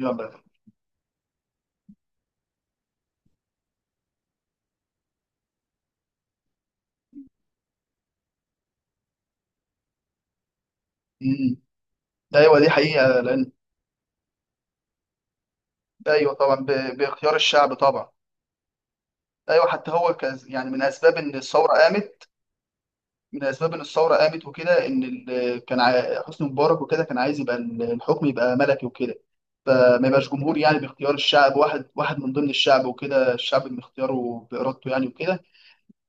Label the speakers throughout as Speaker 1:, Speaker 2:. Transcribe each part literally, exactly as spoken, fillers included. Speaker 1: يلا. مم. ايوه، دي حقيقه. لان ايوه طبعا ب... باختيار الشعب طبعا. ايوه، حتى هو ك... يعني من اسباب ان الثوره قامت، من اسباب ان الثوره قامت وكده، ان ال... كان ع... حسني مبارك وكده كان عايز يبقى ال- الحكم يبقى ملكي وكده، فما يبقاش جمهور يعني باختيار الشعب، واحد واحد من ضمن الشعب وكده، الشعب من اختياره بارادته يعني وكده.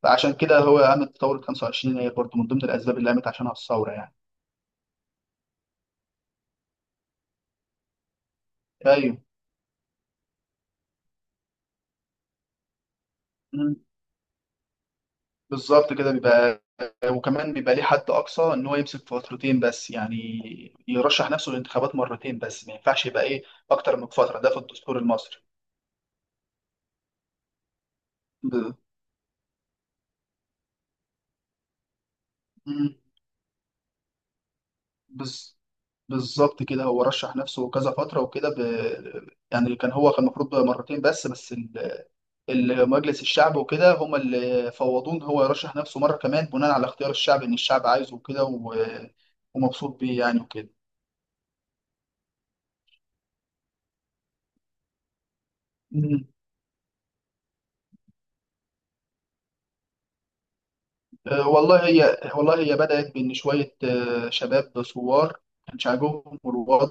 Speaker 1: فعشان كده هو قامت ثوره خمسة وعشرين، هي برضه من ضمن الاسباب اللي قامت عشانها الثوره يعني. ايوه، بالظبط كده بيبقى. وكمان بيبقى ليه حد اقصى ان هو يمسك فترتين بس يعني، يرشح نفسه للانتخابات مرتين بس، ما ينفعش يبقى ايه اكتر من فتره، ده في الدستور المصري. ب... مم. بز... بالظبط كده، هو رشح نفسه كذا فتره وكده. ب... يعني كان هو كان المفروض بقى مرتين بس بس ال... ال- مجلس الشعب وكده هم اللي فوضوه ان هو يرشح نفسه مره كمان، بناء على اختيار الشعب ان الشعب عايزه وكده و... ومبسوط بيه يعني وكده. آه، والله هي والله هي بدأت بإن شوية آه، شباب ثوار، ما كانش عاجبهم الوضع،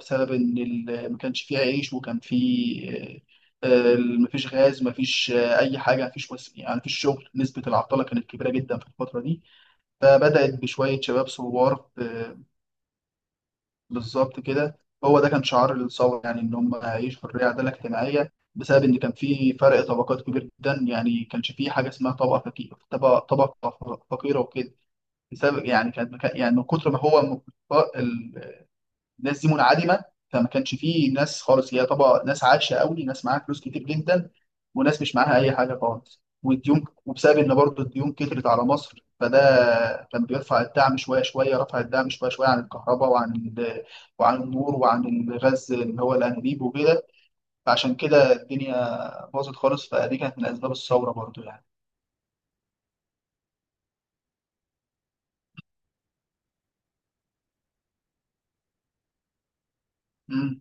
Speaker 1: بسبب إن ال- ما كانش فيه عيش، وكان فيه آه، آه، مفيش غاز، مفيش آه، أي حاجة، مفيش وس... يعني مفيش شغل، نسبة العطلة كانت كبيرة جدا في الفترة دي. فبدأت بشوية شباب ثوار. آه، بالظبط كده، هو ده كان شعار الثورة يعني، إن هم يعيشوا حرية عدالة اجتماعية، بسبب إن كان في فرق طبقات كبير جدا يعني. كانش في حاجة اسمها طبقة فقيرة، طبقة طبقة فقيرة وكده، بسبب يعني كانت مكان يعني من كتر ما هو م- ال- الناس دي منعدمه، فما كانش فيه ناس خالص. هي طبعا ناس عايشه قوي، ناس معاها فلوس كتير جدا، وناس مش معاها اي حاجه خالص، والديون. وبسبب ان برضه الديون كترت على مصر، فده كان بيرفع الدعم شويه شويه، رفع الدعم شويه شويه عن الكهرباء، وعن ال- وعن النور، وعن الغاز اللي هو الانابيب وكده. فعشان كده الدنيا باظت خالص، فدي كانت من اسباب الثوره برضه يعني. امم.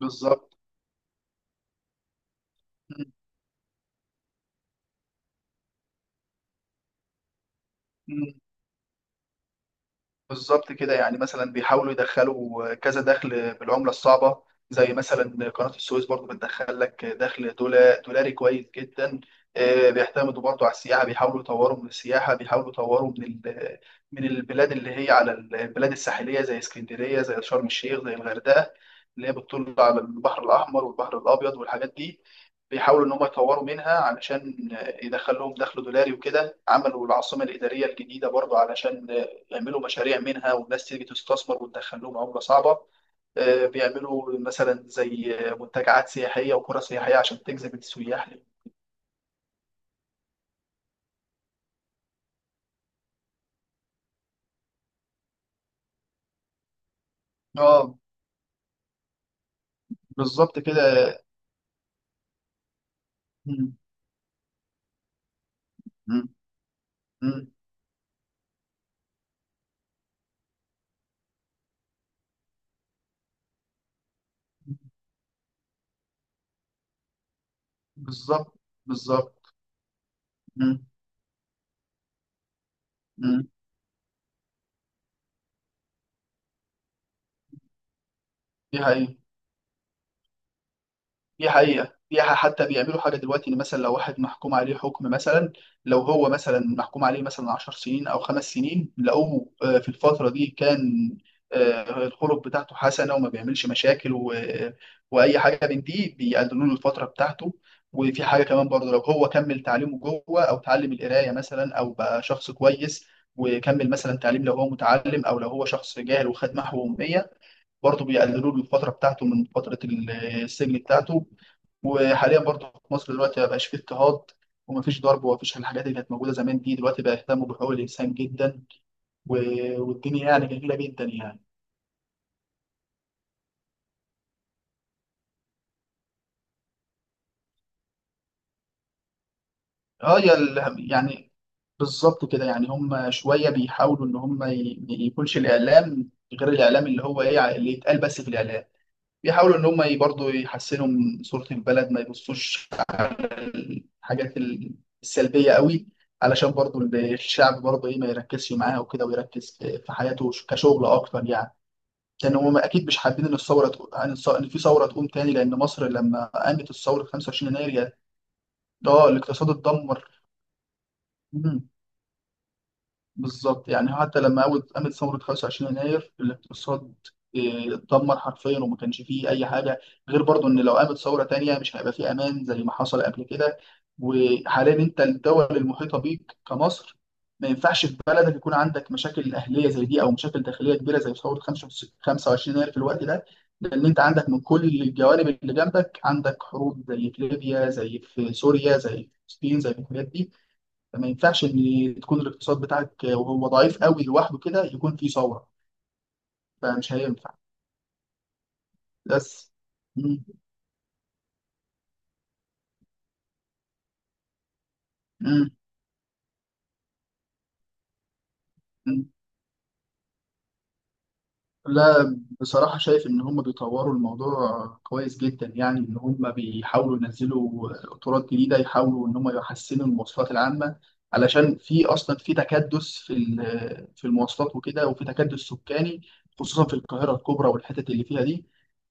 Speaker 1: بالظبط. مم. بالظبط كده يعني، مثلا بيحاولوا يدخلوا كذا دخل بالعملة الصعبة. زي مثلا قناة السويس برضو، بتدخل لك دخل دولا دولاري كويس جدا. آه، بيعتمدوا برضو على السياحة، بيحاولوا يطوروا من السياحة، بيحاولوا يطوروا من ال- من البلاد اللي هي على البلاد الساحلية، زي اسكندرية، زي شرم الشيخ، زي الغردقة، اللي هي بتطل على البحر الأحمر والبحر الأبيض والحاجات دي. بيحاولوا إن هم يطوروا منها علشان يدخل لهم دخل دولاري وكده. عملوا العاصمة الإدارية الجديدة برضو علشان بيعملوا مشاريع منها، والناس تيجي تستثمر وتدخل لهم عملة صعبة. آه، بيعملوا مثلا زي منتجعات سياحية وقرى سياحية عشان تجذب السياح ليه. اه، بالظبط كده. مم. مم. مم. بالظبط. بالظبط. مم. مم. دي حقيقة، دي حقيقة. دي ح- حتى بيعملوا حاجة دلوقتي، إن مثلا لو واحد محكوم عليه حكم مثلا، لو هو مثلا محكوم عليه مثلا 10 سنين أو خمس سنين، لقوه آه، في الفترة دي كان آه، الخلق بتاعته حسنة، وما بيعملش مشاكل و... وأي حاجة من دي، بيقللوا له الفترة بتاعته. وفي حاجة كمان برضه، لو هو كمل تعليمه جوه، أو تعلم القراية مثلا، أو بقى شخص كويس وكمل مثلا تعليم لو هو متعلم، أو لو هو شخص جاهل وخد محو أمية، برضه بيقللوا له الفترة بتاعته من فترة السجن بتاعته. وحاليا برضه في مصر دلوقتي ما بقاش فيه اضطهاد، ومفيش ضرب، ومفيش الحاجات اللي كانت موجوده زمان دي. دلوقتي بقى يهتموا بحقوق الانسان جدا، و- والدنيا يعني جميله جدا يعني. اه، يا ال- يعني بالظبط كده يعني. هم شويه بيحاولوا ان هم ي- ما يكونش الاعلام غير الاعلام اللي هو ايه اللي يتقال بس في الاعلام. بيحاولوا ان هم برضه يحسنوا من صوره البلد، ما يبصوش على الحاجات السلبيه قوي، علشان برضه الشعب برضه ايه ما يركزش معاها وكده، ويركز في في حياته كشغل اكتر يعني. لان هم اكيد مش حابين ان الثوره تقو- ان الث- إن في ثوره تقوم تاني، لان مصر لما قامت الثوره 25 يناير يا- ده الاقتصاد اتدمر. بالظبط، يعني حتى لما قامت قامت ثورة 25 يناير الاقتصاد آه، اتدمر حرفيا، وما كانش فيه أي حاجة. غير برضو إن لو قامت ثورة تانية، مش هيبقى فيه أمان زي ما حصل قبل كده. وحاليا أنت الدول المحيطة بيك كمصر، ما ينفعش في بلدك يكون عندك مشاكل أهلية زي دي، أو مشاكل داخلية كبيرة زي ثورة 25 يناير في الوقت ده. لأن أنت عندك من كل الجوانب اللي جنبك، عندك حروب زي في ليبيا، زي في سوريا، زي في فلسطين، زي في الحاجات دي. فما ينفعش ان تكون الاقتصاد بتاعك وهو ضعيف قوي لوحده كده يكون فيه ثوره. فمش هينفع. بس. مم. مم. لا، بصراحة شايف إن هم بيطوروا الموضوع كويس جدا يعني، إن هم بيحاولوا ينزلوا قطارات جديدة، يحاولوا إن هم يحسنوا المواصلات العامة، علشان في أصلا في تكدس في ال- في المواصلات وكده، وفي تكدس سكاني، خصوصا في القاهرة الكبرى والحتت اللي فيها دي.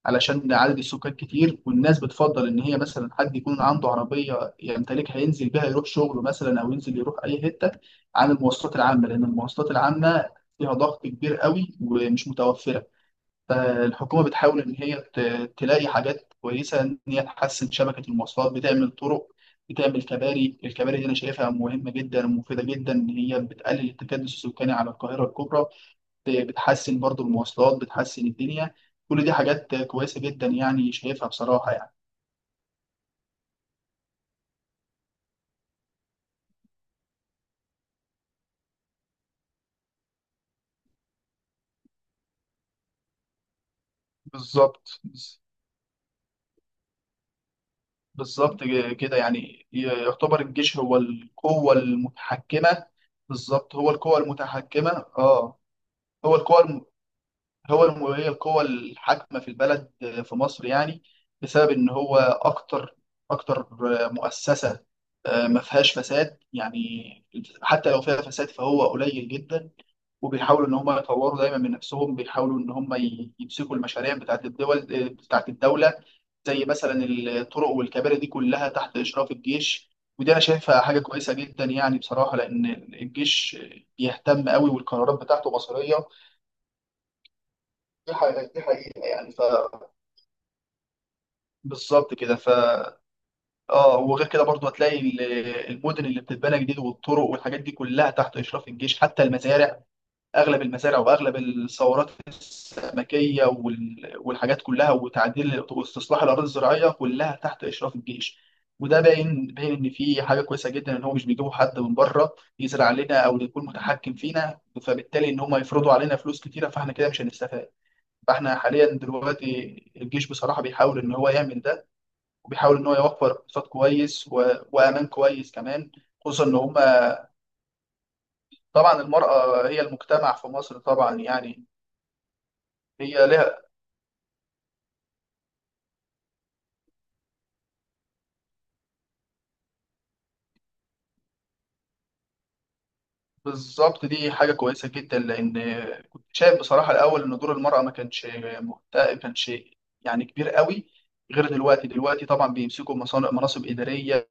Speaker 1: علشان عدد السكان كتير، والناس بتفضل إن هي مثلا حد يكون عنده عربية يمتلكها، ينزل بيها يروح شغله مثلا، أو ينزل يروح أي حتة، عن المواصلات العامة. لأن المواصلات العامة فيها ضغط كبير قوي، ومش متوفرة. فالحكومة بتحاول إن هي ت- تلاقي حاجات كويسة، إن هي تحسن شبكة المواصلات، بتعمل طرق، بتعمل كباري. الكباري دي أنا شايفها مهمة جدا ومفيدة جدا، إن هي بتقلل التكدس السكاني على القاهرة الكبرى. ب- بتحسن برضو المواصلات، بتحسن الدنيا. كل دي حاجات كويسة جدا يعني، شايفها بصراحة يعني. بالظبط. بالظبط كده، يعني يعتبر الجيش هو القوة المتحكمة. بالظبط، هو القوة المتحكمة. اه، هو القوى الم... هو الم... هي القوى الحاكمة في البلد، آه، في مصر يعني، بسبب إن هو أكتر. أكتر آه، مؤسسة آه، ما فيهاش فساد يعني. حتى لو فيها فساد فهو قليل جدا. وبيحاولوا إن هم يطوروا دايما من نفسهم، بيحاولوا إن هم ي- يمسكوا المشاريع بتاعت الدول آه، بتاعت الدولة. زي مثلا الطرق والكباري دي كلها تحت إشراف الجيش. ودي أنا شايفها حاجة كويسة جدا يعني بصراحة، لأن الجيش بيهتم قوي، والقرارات بتاعته مصيرية. دي حقيقة، دي حقيقة يعني، ف بالظبط كده. ف اه، وغير كده برضو هتلاقي ال- المدن اللي بتتبنى جديد، والطرق والحاجات دي كلها تحت إشراف الجيش. حتى المزارع، أغلب المزارع وأغلب الثورات السمكية وال- والحاجات كلها، وتعديل واستصلاح الأراضي الزراعية كلها تحت إشراف الجيش. وده باين، باين إن في حاجة كويسة جدا، إن هو مش بيجيبوا حد من بره يزرع لنا، أو يكون متحكم فينا، فبالتالي إن هم يفرضوا علينا فلوس كتيرة، فإحنا كده مش هنستفاد. فاحنا حاليا دلوقتي، الجيش بصراحة بيحاول ان هو يعمل ده، وبيحاول ان هو يوفر اقتصاد كويس و... وامان كويس كمان. خصوصا ان هما، طبعا المرأة هي المجتمع في مصر طبعا يعني. هي لها. بالظبط، دي حاجة كويسة جدا، لأن كنت شايف بصراحة الأول إن دور المرأة ما كانش محت- ما كانش يعني كبير قوي. غير دلوقتي، دلوقتي طبعا بيمسكوا مصان- مناصب إدارية،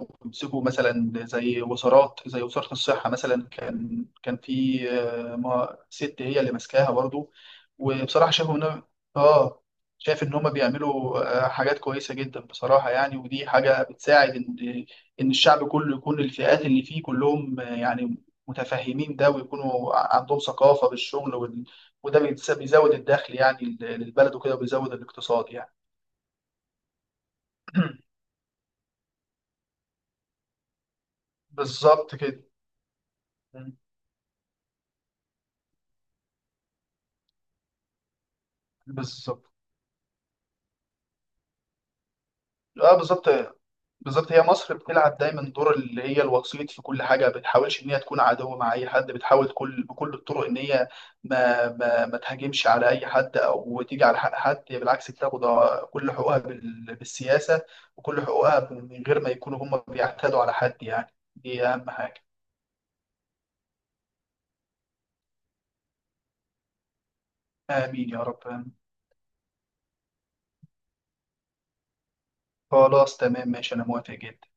Speaker 1: وبيمسكوا مثلا زي وزارات، زي وزارة الصحة مثلا، كان كان في آه، ما- ست هي اللي ماسكاها برضو. وبصراحة شايفهم إن آه شايف إن هما بيعملوا آه، حاجات كويسة جدا بصراحة يعني. ودي حاجة بتساعد، إن إن الشعب كله يكون الفئات اللي فيه كلهم آه، يعني متفهمين ده، ويكونوا ع- عندهم ثقافة بالشغل وال... وده بيتس- بيزود الدخل يعني لل- للبلد وكده، وبيزود الاقتصاد يعني. بالظبط كده. بالظبط. اه، بالظبط. بالظبط، هي مصر بتلعب دايما دور اللي هي الوسيط في كل حاجه. ما بتحاولش ان هي تكون عدو مع اي حد، بتحاول كل بكل الطرق ان هي ما ما, ما تهاجمش على اي حد، او تيجي على حق حد. هي بالعكس بتاخد آه، كل حقوقها بال- بالسياسه، وكل حقوقها من غير ما يكونوا هم بيعتدوا على حد يعني. دي اهم حاجه. امين يا رب، آمين. خلاص تمام، ماشي، انا موافق جدا.